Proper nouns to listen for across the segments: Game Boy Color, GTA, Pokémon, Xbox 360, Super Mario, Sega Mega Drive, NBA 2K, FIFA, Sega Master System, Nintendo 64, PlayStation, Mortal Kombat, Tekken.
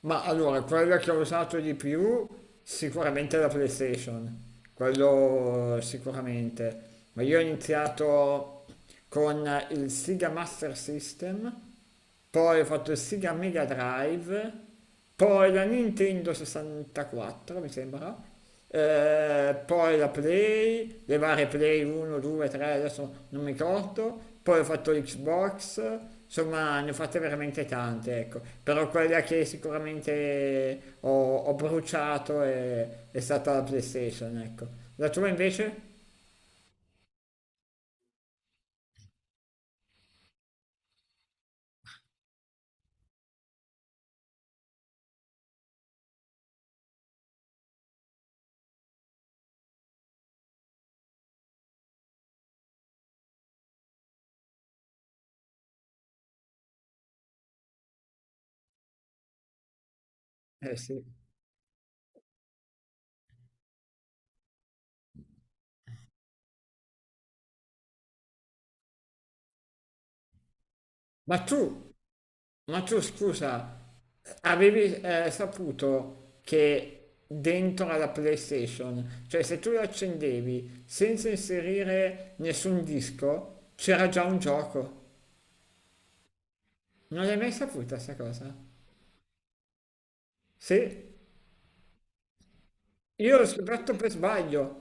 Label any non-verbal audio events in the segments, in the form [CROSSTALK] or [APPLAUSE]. Ma allora, quella che ho usato di più sicuramente è la PlayStation, quello sicuramente. Ma io ho iniziato con il Sega Master System, poi ho fatto il Sega Mega Drive, poi la Nintendo 64, mi sembra. Poi la Play, le varie Play 1, 2, 3, adesso non mi ricordo, poi ho fatto l'Xbox, insomma ne ho fatte veramente tante, ecco, però quella che sicuramente ho bruciato è stata la PlayStation, ecco. La tua invece? Eh sì. Ma tu Ma tu scusa, avevi saputo che dentro alla PlayStation, cioè se tu la accendevi senza inserire nessun disco, c'era già un gioco. Non l'hai mai saputa sta cosa? Sì, io l'ho scoperto per sbaglio.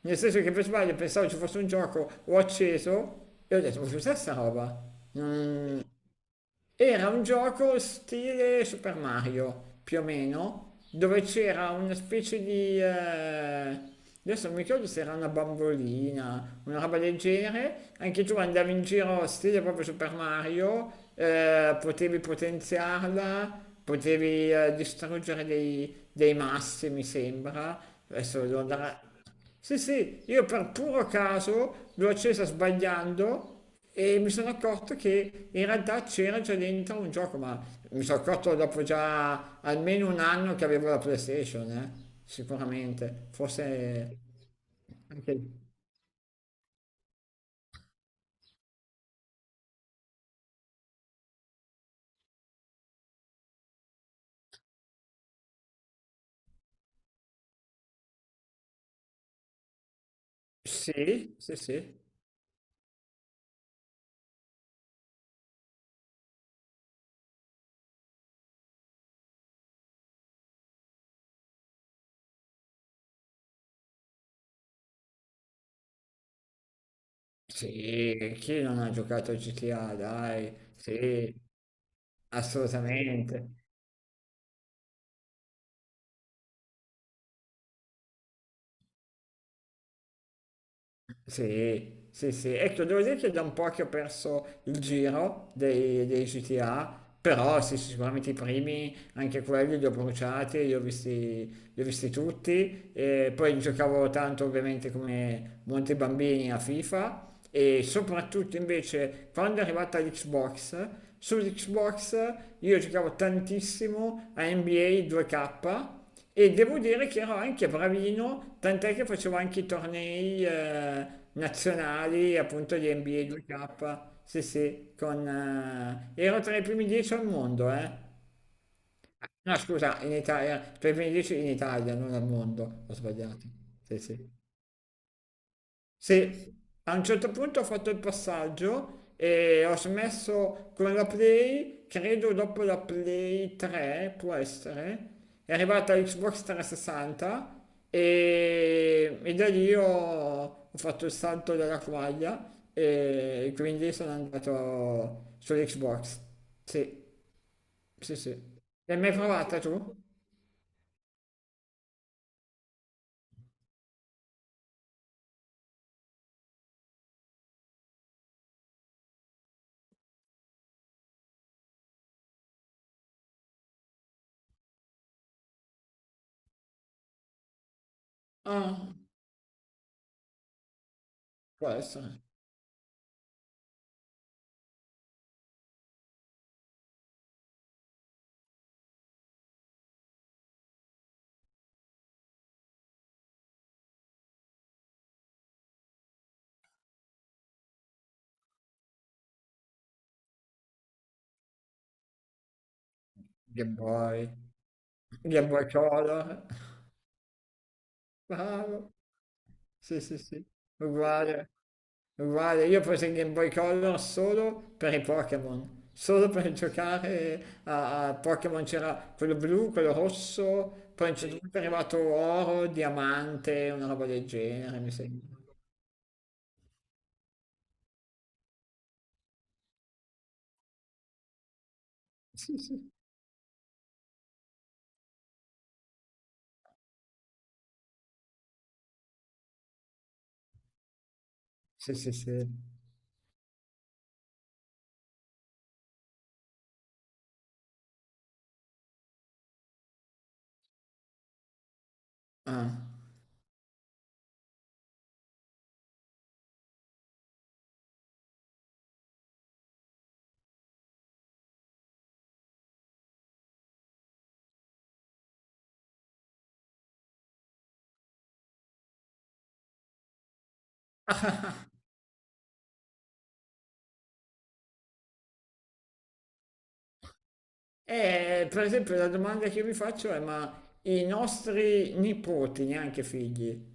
Nel senso che per sbaglio pensavo ci fosse un gioco, ho acceso e ho detto, ma cos'è sta roba? Non, Era un gioco stile Super Mario, più o meno, dove c'era una specie di adesso non mi ricordo, se era una bambolina, una roba del genere, anche tu andavi in giro stile proprio Super Mario, potevi potenziarla, potevi distruggere dei massi, mi sembra, adesso devo andare a- sì, sì, io per puro caso l'ho accesa sbagliando e mi sono accorto che in realtà c'era già dentro un gioco, ma mi sono accorto dopo già almeno un anno che avevo la PlayStation, sicuramente, forse anche. Sì, sì, sì. Sì, chi non ha giocato a GTA, dai, sì, assolutamente. Sì, sì, sì. Ecco, devo dire che è da un po' che ho perso il giro dei GTA, però sì, sì, sicuramente i primi, anche quelli li ho bruciati, li ho visti tutti. E poi giocavo tanto ovviamente come molti bambini a FIFA e soprattutto invece quando è arrivata l'Xbox, sull'Xbox io giocavo tantissimo a NBA 2K e devo dire che ero anche bravino, tant'è che facevo anche i tornei nazionali, appunto di NBA 2K, sì sì, ero tra i primi 10 al mondo, eh. No, scusa, in Italia, tra i primi 10 in Italia, non al mondo, ho sbagliato, sì sì. Sì, a un certo punto ho fatto il passaggio e ho smesso con la Play, credo dopo la Play 3, può essere, è arrivata Xbox 360 e da lì ho fatto il salto della quaglia e quindi sono andato sull'Xbox. Sì, sì, sì. L'hai mai provata tu? Ah, può essere. Game Boy, Game Boy Color. Bravo. Sì, sì, sì. Uguale. Uguale, io ho preso il Game Boy Color solo per i Pokémon, solo per giocare a Pokémon, c'era quello blu, quello rosso, poi a un certo, sì, punto è arrivato oro, diamante, una roba del genere, mi sembra. Sì, sì, sì, sì, sì. Ah. [LAUGHS] E, per esempio, la domanda che io vi faccio è, ma i nostri nipoti, neanche figli,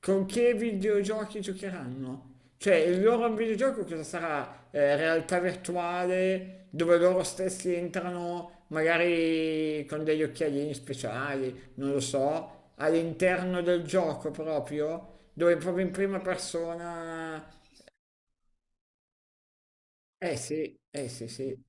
con che videogiochi giocheranno? Cioè, il loro videogioco cosa sarà? Realtà virtuale dove loro stessi entrano magari con degli occhialini speciali, non lo so, all'interno del gioco proprio, dove proprio in prima persona. Sì, eh sì, sì.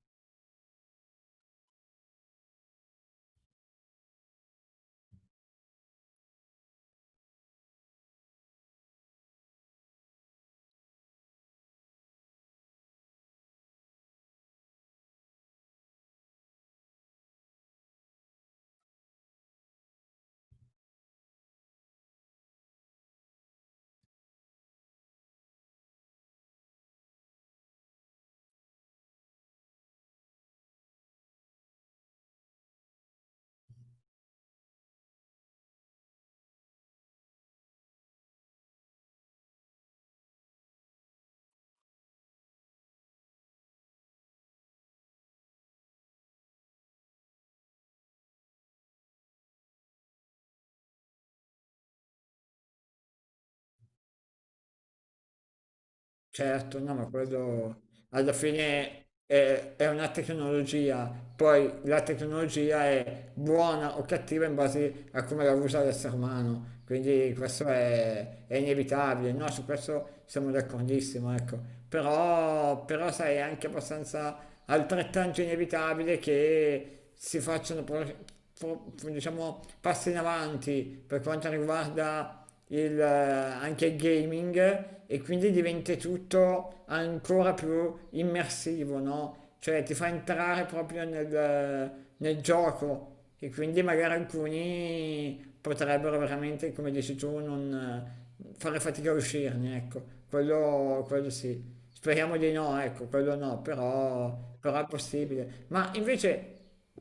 Certo, no, ma quello alla fine è una tecnologia, poi la tecnologia è buona o cattiva in base a come la usa l'essere umano, quindi questo è inevitabile, no? Su questo siamo d'accordissimo, ecco. Però, sai, è anche abbastanza altrettanto inevitabile che si facciano diciamo, passi in avanti per quanto riguarda il anche il gaming e quindi diventa tutto ancora più immersivo, no? Cioè ti fa entrare proprio nel gioco e quindi magari alcuni potrebbero veramente, come dici tu, non fare fatica a uscirne, ecco, quello sì. Speriamo di no, ecco, quello no, però è possibile. Ma invece,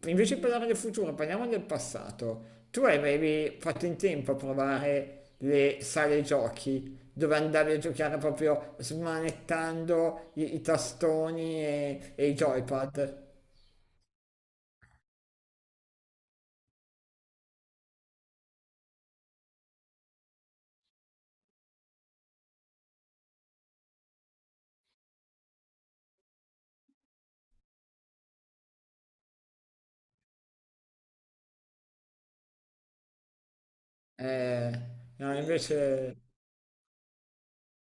invece di parlare del futuro, parliamo del passato. Tu avevi fatto in tempo a provare le sale giochi, dove andavi a giocare proprio smanettando i tastoni e i joypad. Eh, no.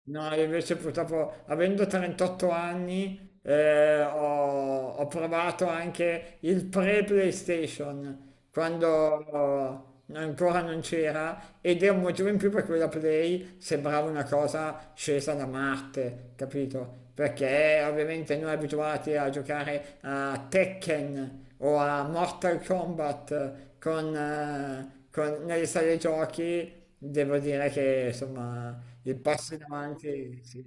No, io invece purtroppo, avendo 38 anni, ho provato anche il pre-PlayStation, quando ancora non c'era, ed è un motivo in più per cui la Play sembrava una cosa scesa da Marte, capito? Perché ovviamente noi, abituati a giocare a Tekken o a Mortal Kombat nelle sale giochi. Devo dire che insomma il passo in avanti, sì,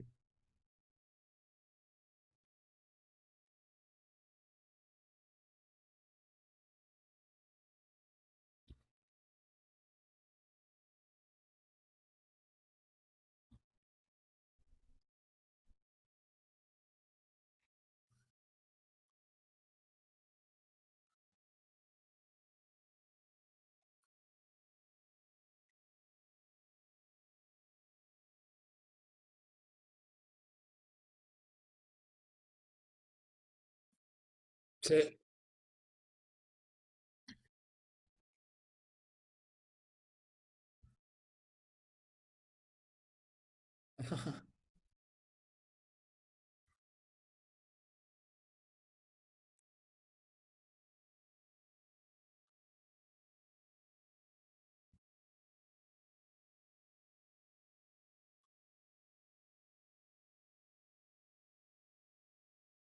sì,